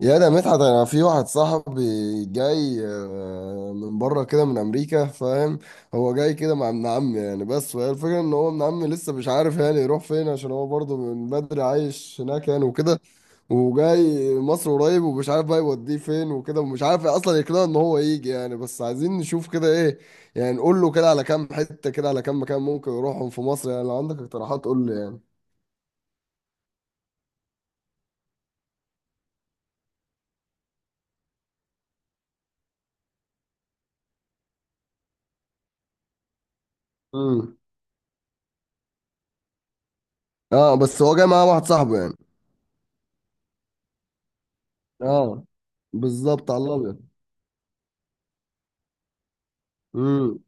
يا ده مدحت، انا في واحد صاحبي جاي من بره كده، من امريكا، فاهم؟ هو جاي كده مع ابن عمي يعني، بس وهي الفكره ان هو ابن عمي لسه مش عارف يعني يروح فين، عشان هو برضه من بدري عايش هناك يعني وكده. وجاي مصر قريب ومش عارف بقى يوديه فين وكده، ومش عارف اصلا يقنعه ان هو يجي يعني، بس عايزين نشوف كده ايه. يعني نقول له كده على كام حته، كده على كام مكان ممكن يروحهم في مصر، يعني لو عندك اقتراحات قول لي يعني. امم. اه، بس هو جاي معاه واحد صاحبه يعني. اه. بالظبط، على الابيض. امم.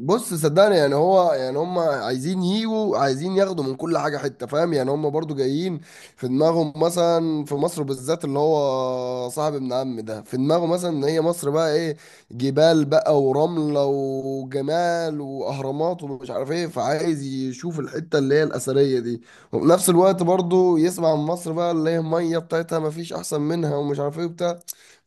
بص صدقني، يعني هو يعني هم عايزين يجوا، عايزين ياخدوا من كل حاجه حته، فاهم؟ يعني هم برضو جايين. في دماغهم مثلا، في مصر بالذات اللي هو صاحب ابن عم ده، في دماغه مثلا ان هي مصر بقى ايه، جبال بقى ورمله وجمال واهرامات ومش عارف ايه، فعايز يشوف الحته اللي هي الاثريه دي. وفي نفس الوقت برضو يسمع عن مصر بقى اللي هي الميه بتاعتها مفيش احسن منها ومش عارف ايه وبتاع.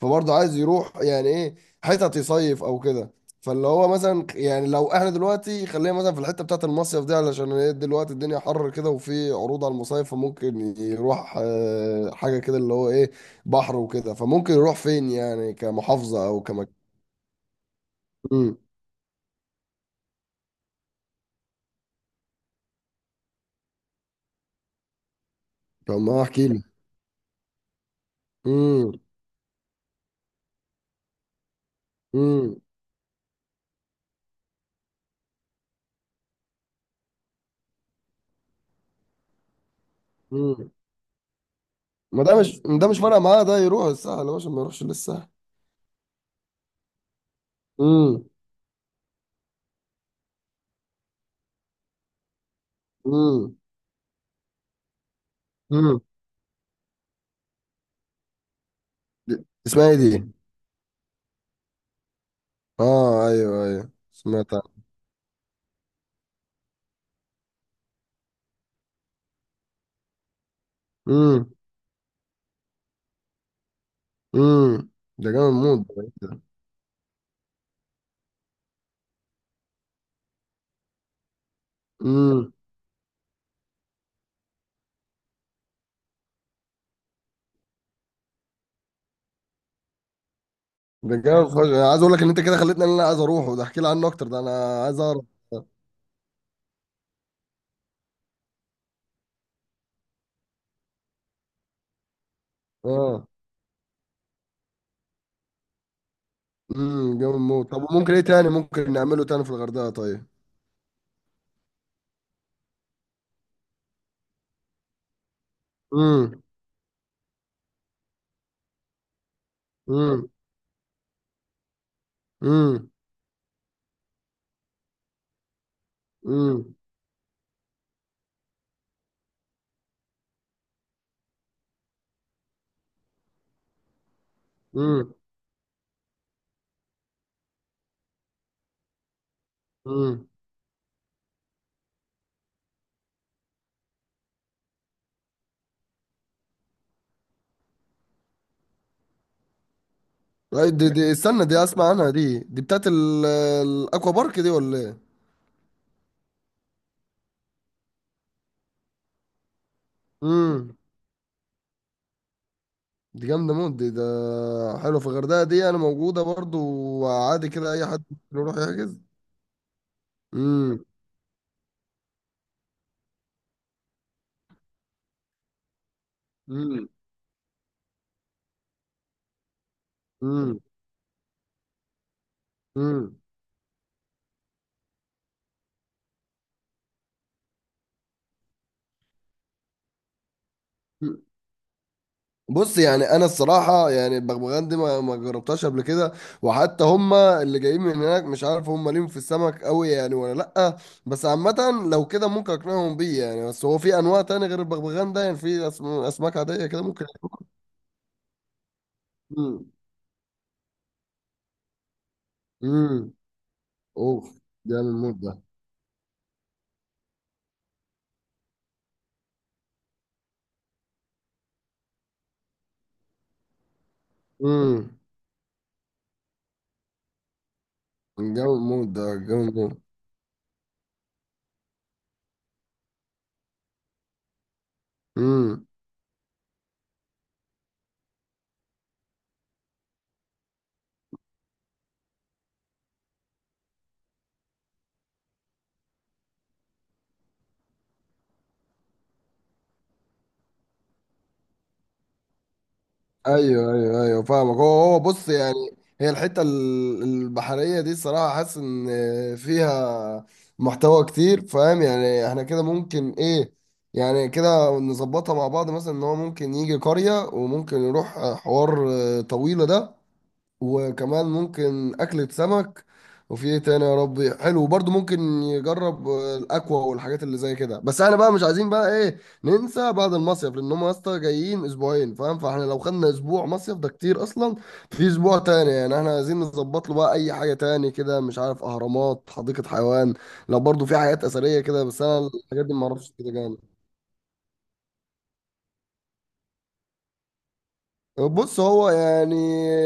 فبرضه عايز يروح يعني ايه، حتت يصيف او كده. فاللي هو مثلا يعني لو احنا دلوقتي خلينا مثلا في الحته بتاعت المصيف دي، علشان هي دلوقتي الدنيا حر كده وفي عروض على المصايف، فممكن يروح حاجه كده اللي هو ايه، بحر وكده، فممكن يروح فين يعني، كمحافظه او كمكان؟ امم. طب ما احكي لي. امم. امم. امم. ما ده مش، ده مش فارقه معاه، ده يروح الساحل يا باشا، ما يروحش للساحل. امم. امم. امم. اسمها ايه دي؟ اه، ايوه ايوه سمعت. امم. امم. ده جامد موت. ده. امم. ده جامد فشخ، انا عايز اقول لك ان انت كده خليتني ان انا عايز اروح، وده احكي لي عنه اكتر، ده انا عايز اعرف. اه. امم، جامد موت. طب ممكن ايه تاني ممكن نعمله تاني في الغردقه طيب؟ امم. امم. امم. امم. امم. امم. أي، دي استنى، دي اسمع عنها، دي بتاعت ال- الاكوا بارك دي ولا ايه؟ امم. دي جامده موت، دي ده. حلو، في الغردقه دي انا موجوده برضو. وعادي كده اي حد ممكن يروح يحجز. مم. مم. مم. مم. بص يعني، انا الصراحه يعني البغبغان دي ما جربتهاش قبل كده. وحتى هما اللي جايين من هناك، مش عارف هما ليهم في السمك قوي يعني ولا لا. بس عامه، لو كده ممكن اقنعهم بيه يعني. بس هو في انواع تاني غير البغبغان ده يعني، في اسماك عاديه كده ممكن؟ امم. امم. اوف، جامد موت ده. امم، جامد موت ده جامد موت. ايوه ايوه ايوه، فاهمك. هو هو بص يعني، هي الحته البحريه دي الصراحه حاسس ان فيها محتوى كتير، فاهم يعني؟ احنا كده ممكن ايه، يعني كده نظبطها مع بعض مثلا، ان هو ممكن يجي قريه وممكن يروح حوار طويله ده، وكمان ممكن أكلة سمك، وفي ايه تاني يا ربي، حلو. وبرضه ممكن يجرب الأكوا والحاجات اللي زي كده، بس احنا بقى مش عايزين بقى ايه ننسى بعد المصيف، لأن هم يا اسطى جايين أسبوعين، فاهم؟ فاحنا لو خدنا أسبوع مصيف ده كتير أصلا. في أسبوع تاني، يعني احنا عايزين نظبط له بقى أي حاجة تاني كده، مش عارف، أهرامات، حديقة حيوان. لو برضه في حاجات أثرية كده، بس أنا الحاجات دي معرفش كده. بص هو يعني،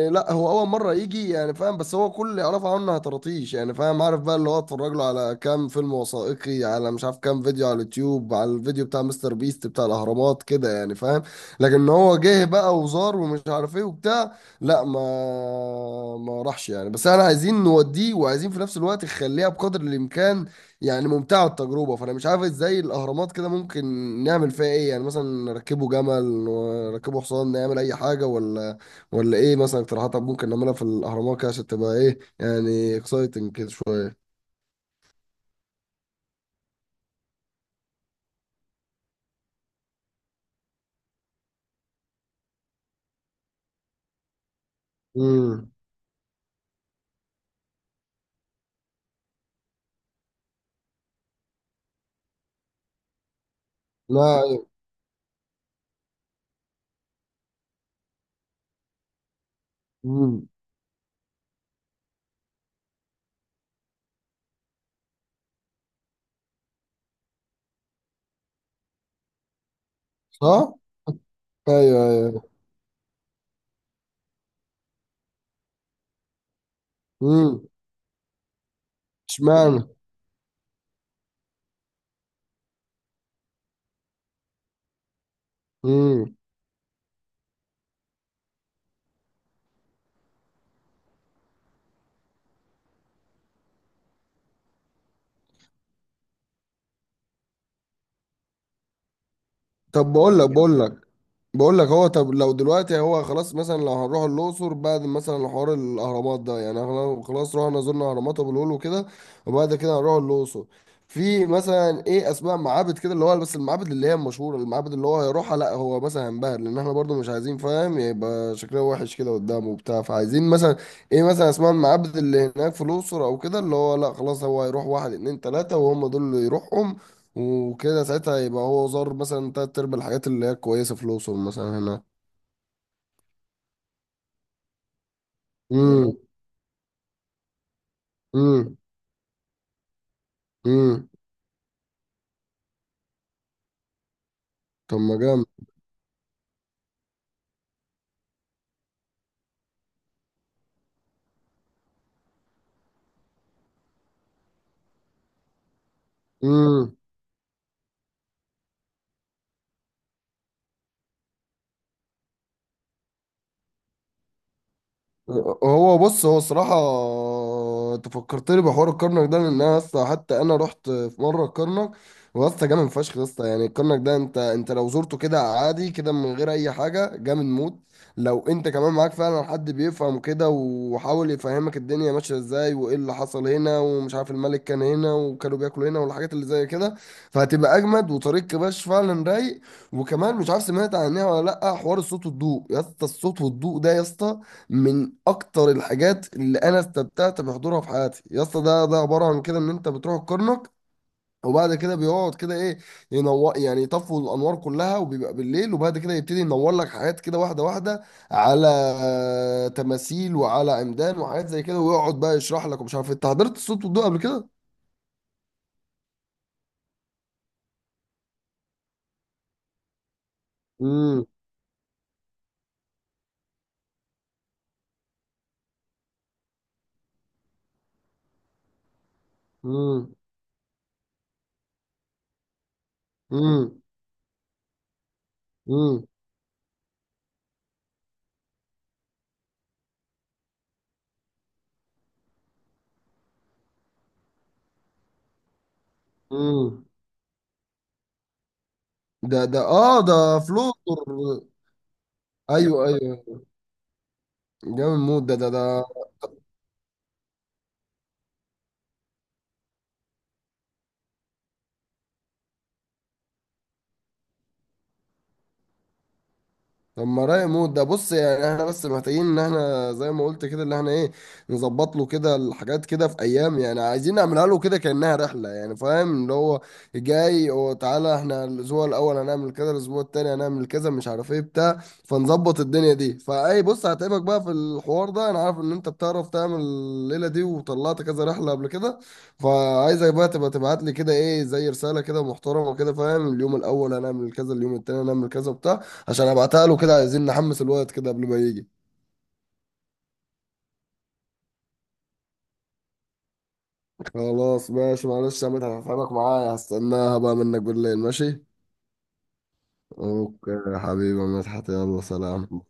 لا هو اول مره يجي يعني، فاهم؟ بس هو كل اللي يعرفه عنه هتراطيش يعني، فاهم، عارف بقى اللي هو اتفرج له على كام فيلم وثائقي، على مش عارف كام فيديو على اليوتيوب، على الفيديو بتاع مستر بيست بتاع الاهرامات كده يعني فاهم. لكن إن هو جه بقى وزار ومش عارف ايه وبتاع، لا، ما راحش يعني، بس احنا عايزين نوديه وعايزين في نفس الوقت نخليها بقدر الامكان يعني ممتعة التجربة، فأنا مش عارف ازاي الأهرامات كده ممكن نعمل فيها ايه، يعني مثلا نركبه جمل، نركبه حصان، نعمل أي حاجة، ولا ولا ايه، مثلا اقتراحات ممكن نعملها في الأهرامات كده عشان تبقى ايه يعني اكسايتنج كده شوية؟ امم. لا أيوة. امم. صح؟ ايوه ايوه. امم. اشمعنى؟ امم. طب بقول لك. هو طب لو دلوقتي هو خلاص مثلا، لو هنروح الاقصر بعد مثلا حوار الاهرامات ده، يعني احنا خلاص رحنا زرنا اهرامات ابو الهول وكده، وبعد كده هنروح الاقصر. في مثلا ايه اسماء معابد كده، اللي هو بس المعابد اللي هي المشهوره، المعابد اللي هو هيروحها، لا هو مثلا هينبهر لان احنا برضو مش عايزين فاهم يبقى شكلها وحش كده قدامه وبتاع، فعايزين مثلا ايه، مثلا اسماء المعابد اللي هناك في الاقصر او كده، اللي هو لا خلاص هو هيروح واحد اتنين تلاته وهم دول اللي يروحهم. وكده ساعتها يبقى هو زار مثلا تلات ارباع الحاجات اللي هي كويسة في الأقصر مثلا هنا. بالظبط. امم. امم. امم. طب ما جامد. هو بص هو الصراحة، انت فكرتني بحوار الكرنك ده، لان انا اصلا حتى انا رحت في مرة الكرنك. واسطى جامد فشخ يا اسطى، يعني الكرنك ده انت لو زرته كده عادي كده من غير اي حاجة جامد موت. لو انت كمان معاك فعلا حد بيفهم كده وحاول يفهمك الدنيا ماشية ازاي، وايه اللي حصل هنا، ومش عارف الملك كان هنا وكانوا بياكلوا هنا، والحاجات اللي زي كده، فهتبقى اجمد. وطريق كباش فعلا رايق. وكمان مش عارف سمعت عنها ولا لا، حوار الصوت والضوء يا اسطى. الصوت والضوء ده يا اسطى من اكتر الحاجات اللي انا استمتعت بحضورها في حياتي يا اسطى. ده عباره عن كده، ان انت بتروح الكرنك، وبعد كده بيقعد كده ايه، ينور يعني، يطفوا الانوار كلها وبيبقى بالليل، وبعد كده يبتدي ينور لك حاجات كده واحده واحده، على تماثيل، وعلى عمدان وحاجات زي كده، ويقعد بقى يشرح لك ومش عارف إيه. انت حضرت الصوت والضوء قبل كده؟ امم. امم. امم. امم. امم. ده اه، ده فلوتر. ايوه ايوه. جامد موت ده. طب ما رايق موت ده، بص يعني احنا بس محتاجين ان احنا زي ما قلت كده اللي احنا ايه، نظبط له كده الحاجات كده في ايام، يعني عايزين نعملها له كده كانها رحله يعني، فاهم؟ اللي هو جاي، وتعالى احنا الاسبوع الاول هنعمل كذا، الاسبوع التاني هنعمل كذا، مش عارف ايه بتاع. فنظبط الدنيا دي. فاي، بص هتعبك بقى في الحوار ده، انا عارف ان انت بتعرف تعمل الليله دي وطلعت كذا رحله قبل كده. فعايزك بقى تبقى تبعت لي كده ايه زي رساله كده محترمه كده، فاهم؟ اليوم الاول هنعمل كذا، اليوم التاني هنعمل كذا بتاع، عشان ابعتها له كده، عايزين نحمس الوقت كده قبل ما يجي. خلاص ماشي، معلش يا مدحت، هفهمك معايا، هستناها بقى منك بالليل، ماشي؟ اوكي يا حبيبي يا مدحت، يلا سلام.